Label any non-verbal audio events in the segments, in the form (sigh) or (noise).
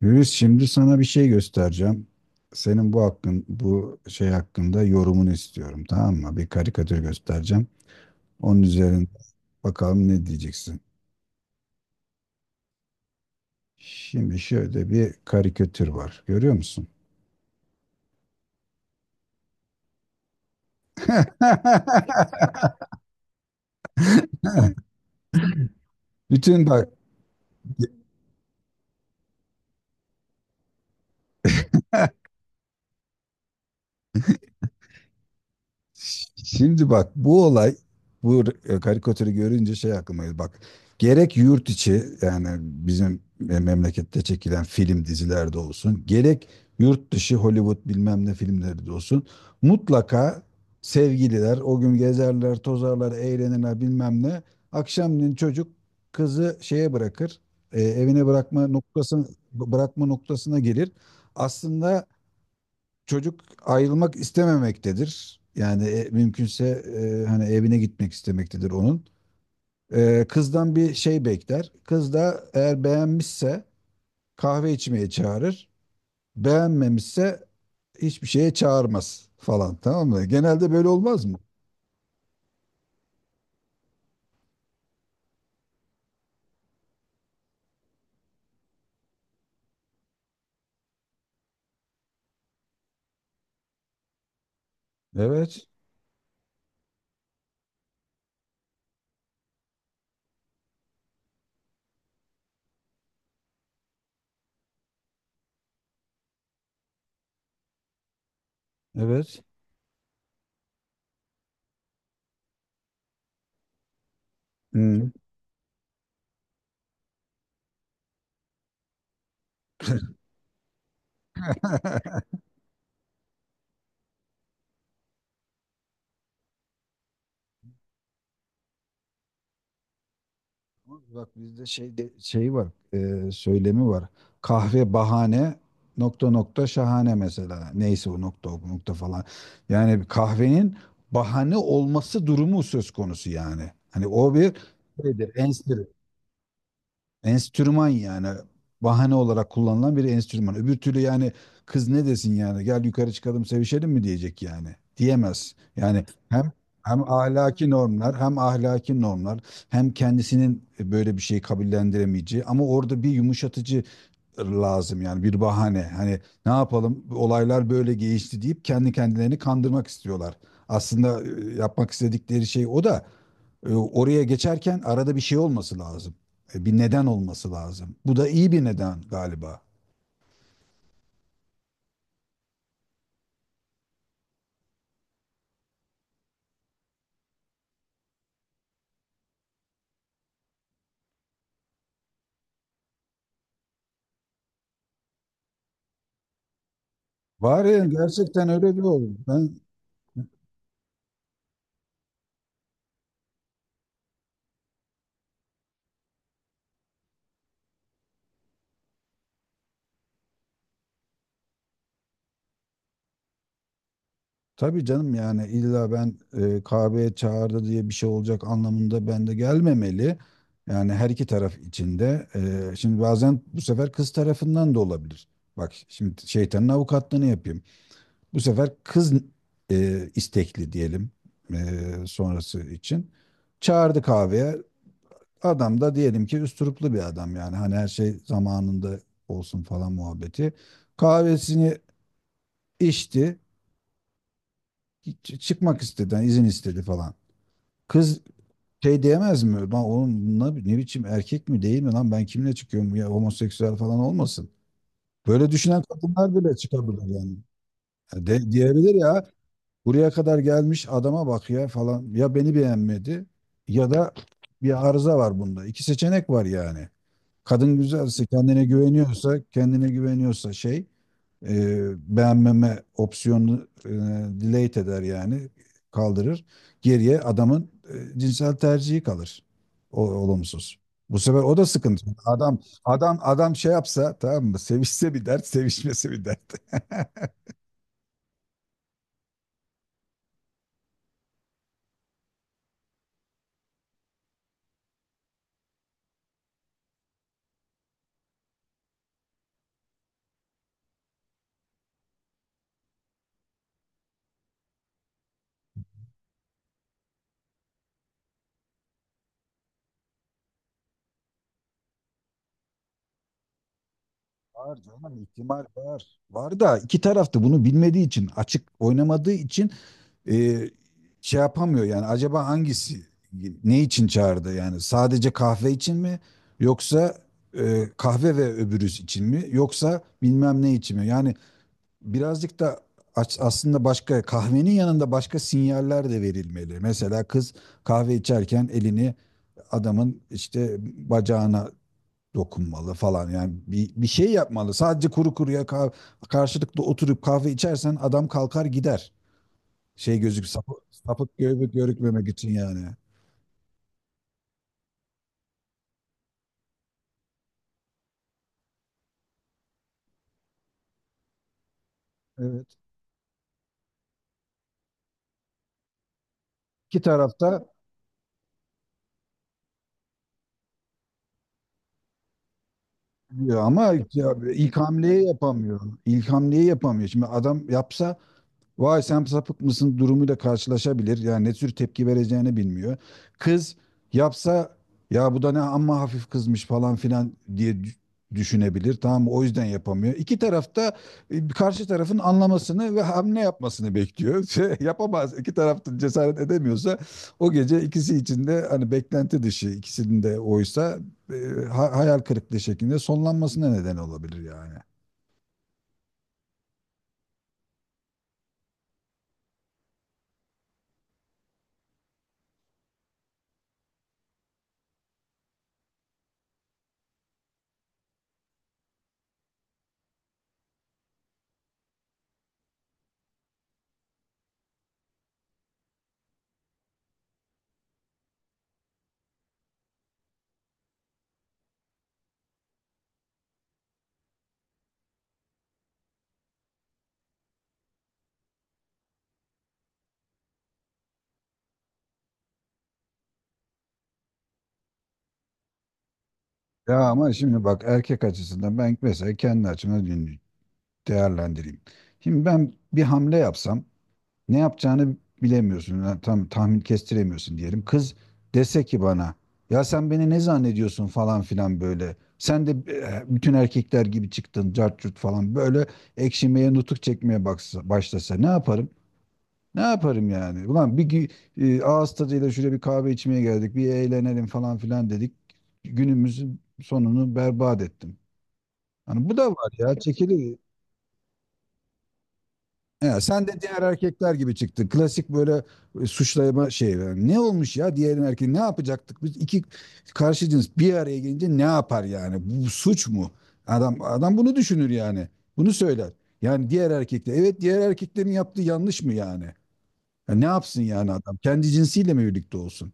Yürüs şimdi sana bir şey göstereceğim. Senin bu hakkın, bu şey hakkında yorumunu istiyorum, tamam mı? Bir karikatür göstereceğim. Onun üzerinde bakalım ne diyeceksin. Şimdi şöyle bir karikatür var. Görüyor musun? (laughs) Bütün bak. Şimdi bak, bu olay, bu karikatürü görünce şey aklıma geldi. Bak, gerek yurt içi, yani bizim memlekette çekilen film dizilerde olsun, gerek yurt dışı Hollywood bilmem ne filmleri de olsun, mutlaka sevgililer o gün gezerler, tozarlar, eğlenirler bilmem ne. Akşamleyin çocuk kızı şeye bırakır, evine bırakma noktasına, bırakma noktasına gelir. Aslında çocuk ayrılmak istememektedir. Yani mümkünse hani evine gitmek istemektedir onun. Kızdan bir şey bekler. Kız da eğer beğenmişse kahve içmeye çağırır. Beğenmemişse hiçbir şeye çağırmaz falan, tamam mı? Genelde böyle olmaz mı? Evet, evet. Hmm. (laughs) Bak, bizde şey de, şey var, söylemi var. Kahve bahane, nokta nokta şahane mesela. Neyse, o nokta o nokta falan. Yani bir kahvenin bahane olması durumu söz konusu yani. Hani o bir şeydir, enstitü. Enstrüman yani, bahane olarak kullanılan bir enstrüman. Öbür türlü yani kız ne desin, yani gel yukarı çıkalım sevişelim mi diyecek yani. Diyemez. Yani hem ahlaki normlar, hem kendisinin böyle bir şeyi kabullendiremeyeceği, ama orada bir yumuşatıcı lazım, yani bir bahane. Hani ne yapalım, olaylar böyle gelişti deyip kendi kendilerini kandırmak istiyorlar. Aslında yapmak istedikleri şey o da, oraya geçerken arada bir şey olması lazım. Bir neden olması lazım. Bu da iyi bir neden galiba. Var ya, gerçekten öyle bir oldu. Ben, tabii canım, yani illa ben kahveye çağırdı diye bir şey olacak anlamında ben de gelmemeli. Yani her iki taraf içinde. Şimdi bazen bu sefer kız tarafından da olabilir. Bak şimdi şeytanın avukatlığını yapayım. Bu sefer kız istekli diyelim, sonrası için. Çağırdı kahveye. Adam da diyelim ki üsturuplu bir adam, yani hani her şey zamanında olsun falan muhabbeti. Kahvesini içti, çıkmak istedi, yani izin istedi falan. Kız şey diyemez mi? Lan oğlum, ne biçim erkek mi değil mi, lan ben kimle çıkıyorum, ya homoseksüel falan olmasın. Böyle düşünen kadınlar bile çıkabilir yani. Ya diyebilir ya, buraya kadar gelmiş adama bak ya falan, ya beni beğenmedi, ya da bir arıza var bunda. İki seçenek var yani. Kadın güzelse, kendine güveniyorsa şey, e, beğenmeme opsiyonunu delete eder yani, kaldırır. Geriye adamın cinsel tercihi kalır. O, olumsuz. Bu sefer o da sıkıntı. Adam şey yapsa tamam mı? Sevişse bir dert, sevişmesi bir dert. (laughs) Var canım, ihtimal var. Var da iki tarafta bunu bilmediği için, açık oynamadığı için e, şey yapamıyor, yani acaba hangisi ne için çağırdı, yani sadece kahve için mi, yoksa kahve ve öbürüz için mi, yoksa bilmem ne için mi yani. Birazcık da aslında başka, kahvenin yanında başka sinyaller de verilmeli. Mesela kız kahve içerken elini adamın işte bacağına dokunmalı falan. Yani bir şey yapmalı. Sadece kuru kuruya karşılıklı oturup kahve içersen adam kalkar gider. Şey gözük, sapık görükmemek için yani. Evet. İki tarafta diyor ama ya, ilk hamleyi yapamıyor. İlk hamleyi yapamıyor. Şimdi adam yapsa, vay sen sapık mısın durumuyla karşılaşabilir. Yani ne tür tepki vereceğini bilmiyor. Kız yapsa ya bu da ne, amma hafif kızmış falan filan diye düşünebilir. Tamam mı? O yüzden yapamıyor. İki tarafta karşı tarafın anlamasını ve hamle yapmasını bekliyor. (laughs) Şey, yapamaz. İki tarafta cesaret edemiyorsa, o gece ikisi içinde hani beklenti dışı, ikisinin de oysa hayal kırıklığı şeklinde sonlanmasına neden olabilir yani. Ya ama şimdi bak erkek açısından, ben mesela kendi açımdan dinliyorum, değerlendireyim. Şimdi ben bir hamle yapsam ne yapacağını bilemiyorsun. Yani tam tahmin kestiremiyorsun diyelim. Kız dese ki bana, ya sen beni ne zannediyorsun falan filan böyle. Sen de bütün erkekler gibi çıktın cart curt falan böyle, ekşimeye, nutuk çekmeye baksa, başlasa ne yaparım? Ne yaparım yani? Ulan bir gü- e, Ağız tadıyla şuraya bir kahve içmeye geldik, bir eğlenelim falan filan dedik. Günümüzün sonunu berbat ettim. Hani bu da var ya, çekilir. He, sen de diğer erkekler gibi çıktın. Klasik böyle suçlama şey. Yani ne olmuş ya, diğer erkek ne yapacaktık? Biz iki karşı cins bir araya gelince ne yapar yani? Bu suç mu? Adam bunu düşünür yani. Bunu söyler. Yani diğer erkekler. Evet, diğer erkeklerin yaptığı yanlış mı yani? Ya ne yapsın yani adam? Kendi cinsiyle mi birlikte olsun?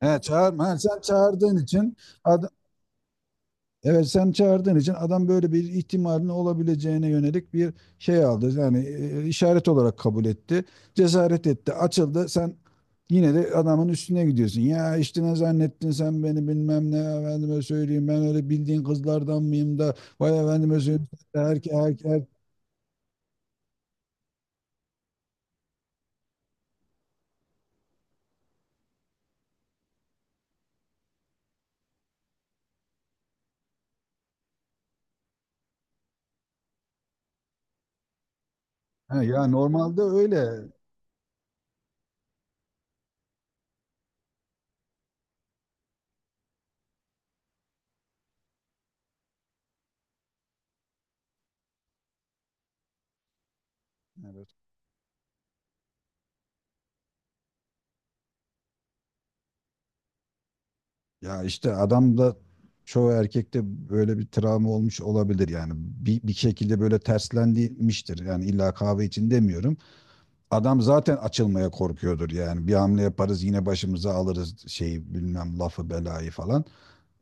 He, çağırma. He, sen çağırdığın için adam evet, sen çağırdığın için adam böyle bir ihtimalin olabileceğine yönelik bir şey aldı. Yani işaret olarak kabul etti. Cesaret etti. Açıldı. Sen yine de adamın üstüne gidiyorsun. Ya işte ne zannettin sen beni, bilmem ne efendime söyleyeyim. Ben öyle bildiğin kızlardan mıyım da vay efendime söyleyeyim. Erkek. Ya normalde öyle. Evet. Ya işte adam da çoğu erkekte böyle bir travma olmuş olabilir yani. Bir şekilde böyle terslendirilmiştir. Yani illa kahve için demiyorum. Adam zaten açılmaya korkuyordur yani. Bir hamle yaparız yine başımıza alırız şeyi, bilmem lafı, belayı falan.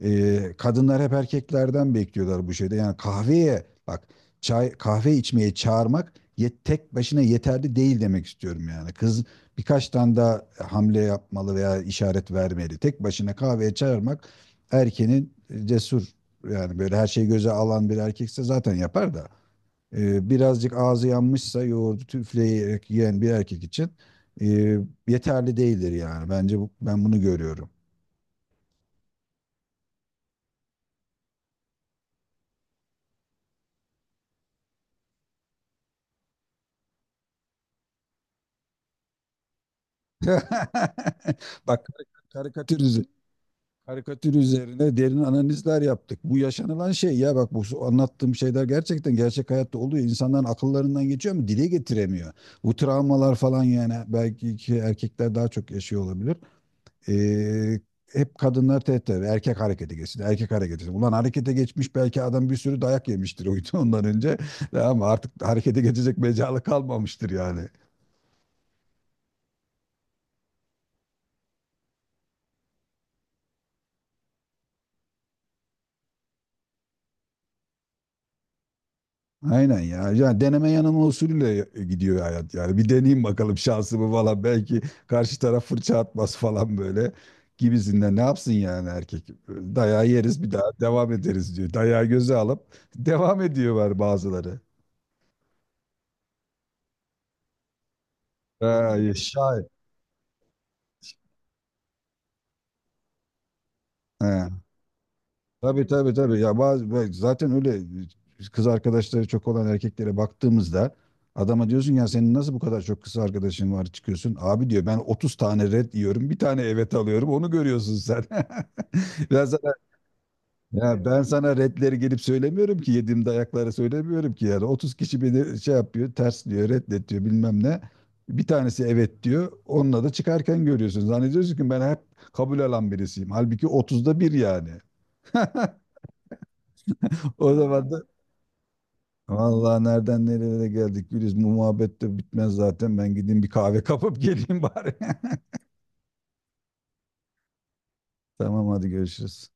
Kadınlar hep erkeklerden bekliyorlar bu şeyde. Yani kahveye bak, çay kahve içmeye çağırmak tek başına yeterli değil demek istiyorum yani. Kız birkaç tane daha hamle yapmalı veya işaret vermeli. Tek başına kahveye çağırmak erkeğin cesur, yani böyle her şeyi göze alan bir erkekse zaten yapar da. Birazcık ağzı yanmışsa yoğurdu üfleyerek yiyen bir erkek için e, yeterli değildir yani. Bence bu, ben bunu görüyorum. (laughs) Bak karikatür üzerine derin analizler yaptık. Bu yaşanılan şey ya, bak bu anlattığım şeyler gerçekten gerçek hayatta oluyor. İnsanların akıllarından geçiyor ama dile getiremiyor. Bu travmalar falan yani belki ki erkekler daha çok yaşıyor olabilir. Ee, Hep kadınlar tehdit eder. Erkek harekete geçsin, erkek harekete geçsin. Ulan harekete geçmiş belki adam, bir sürü dayak yemiştir uydu ondan önce. (laughs) Ama artık harekete geçecek mecalı kalmamıştır yani. Aynen ya. Yani deneme yanılma usulüyle gidiyor hayat yani. Bir deneyeyim bakalım şansımı falan. Belki karşı taraf fırça atmaz falan böyle gibisinden. Ne yapsın yani erkek? Dayağı yeriz bir daha devam ederiz diyor. Dayağı göze alıp devam ediyorlar bazıları. Ha, şahit. Tabii, tabii, tabii. Ya bazı, ve zaten öyle kız arkadaşları çok olan erkeklere baktığımızda, adama diyorsun ya senin nasıl bu kadar çok kız arkadaşın var çıkıyorsun. Abi diyor ben 30 tane red yiyorum. Bir tane evet alıyorum. Onu görüyorsun sen. (laughs) Ben sana, Ya ben sana redleri gelip söylemiyorum ki, yediğim dayakları söylemiyorum ki, yani 30 kişi beni şey yapıyor, ters diyor, reddet diyor bilmem ne. Bir tanesi evet diyor. Onunla da çıkarken görüyorsun. Zannediyorsun ki ben hep kabul alan birisiyim. Halbuki 30'da bir yani. (laughs) O zaman da, vallahi nereden nerelere geldik Güliz. Bu muhabbet de bitmez zaten. Ben gideyim bir kahve kapıp geleyim bari. (laughs) Tamam hadi görüşürüz.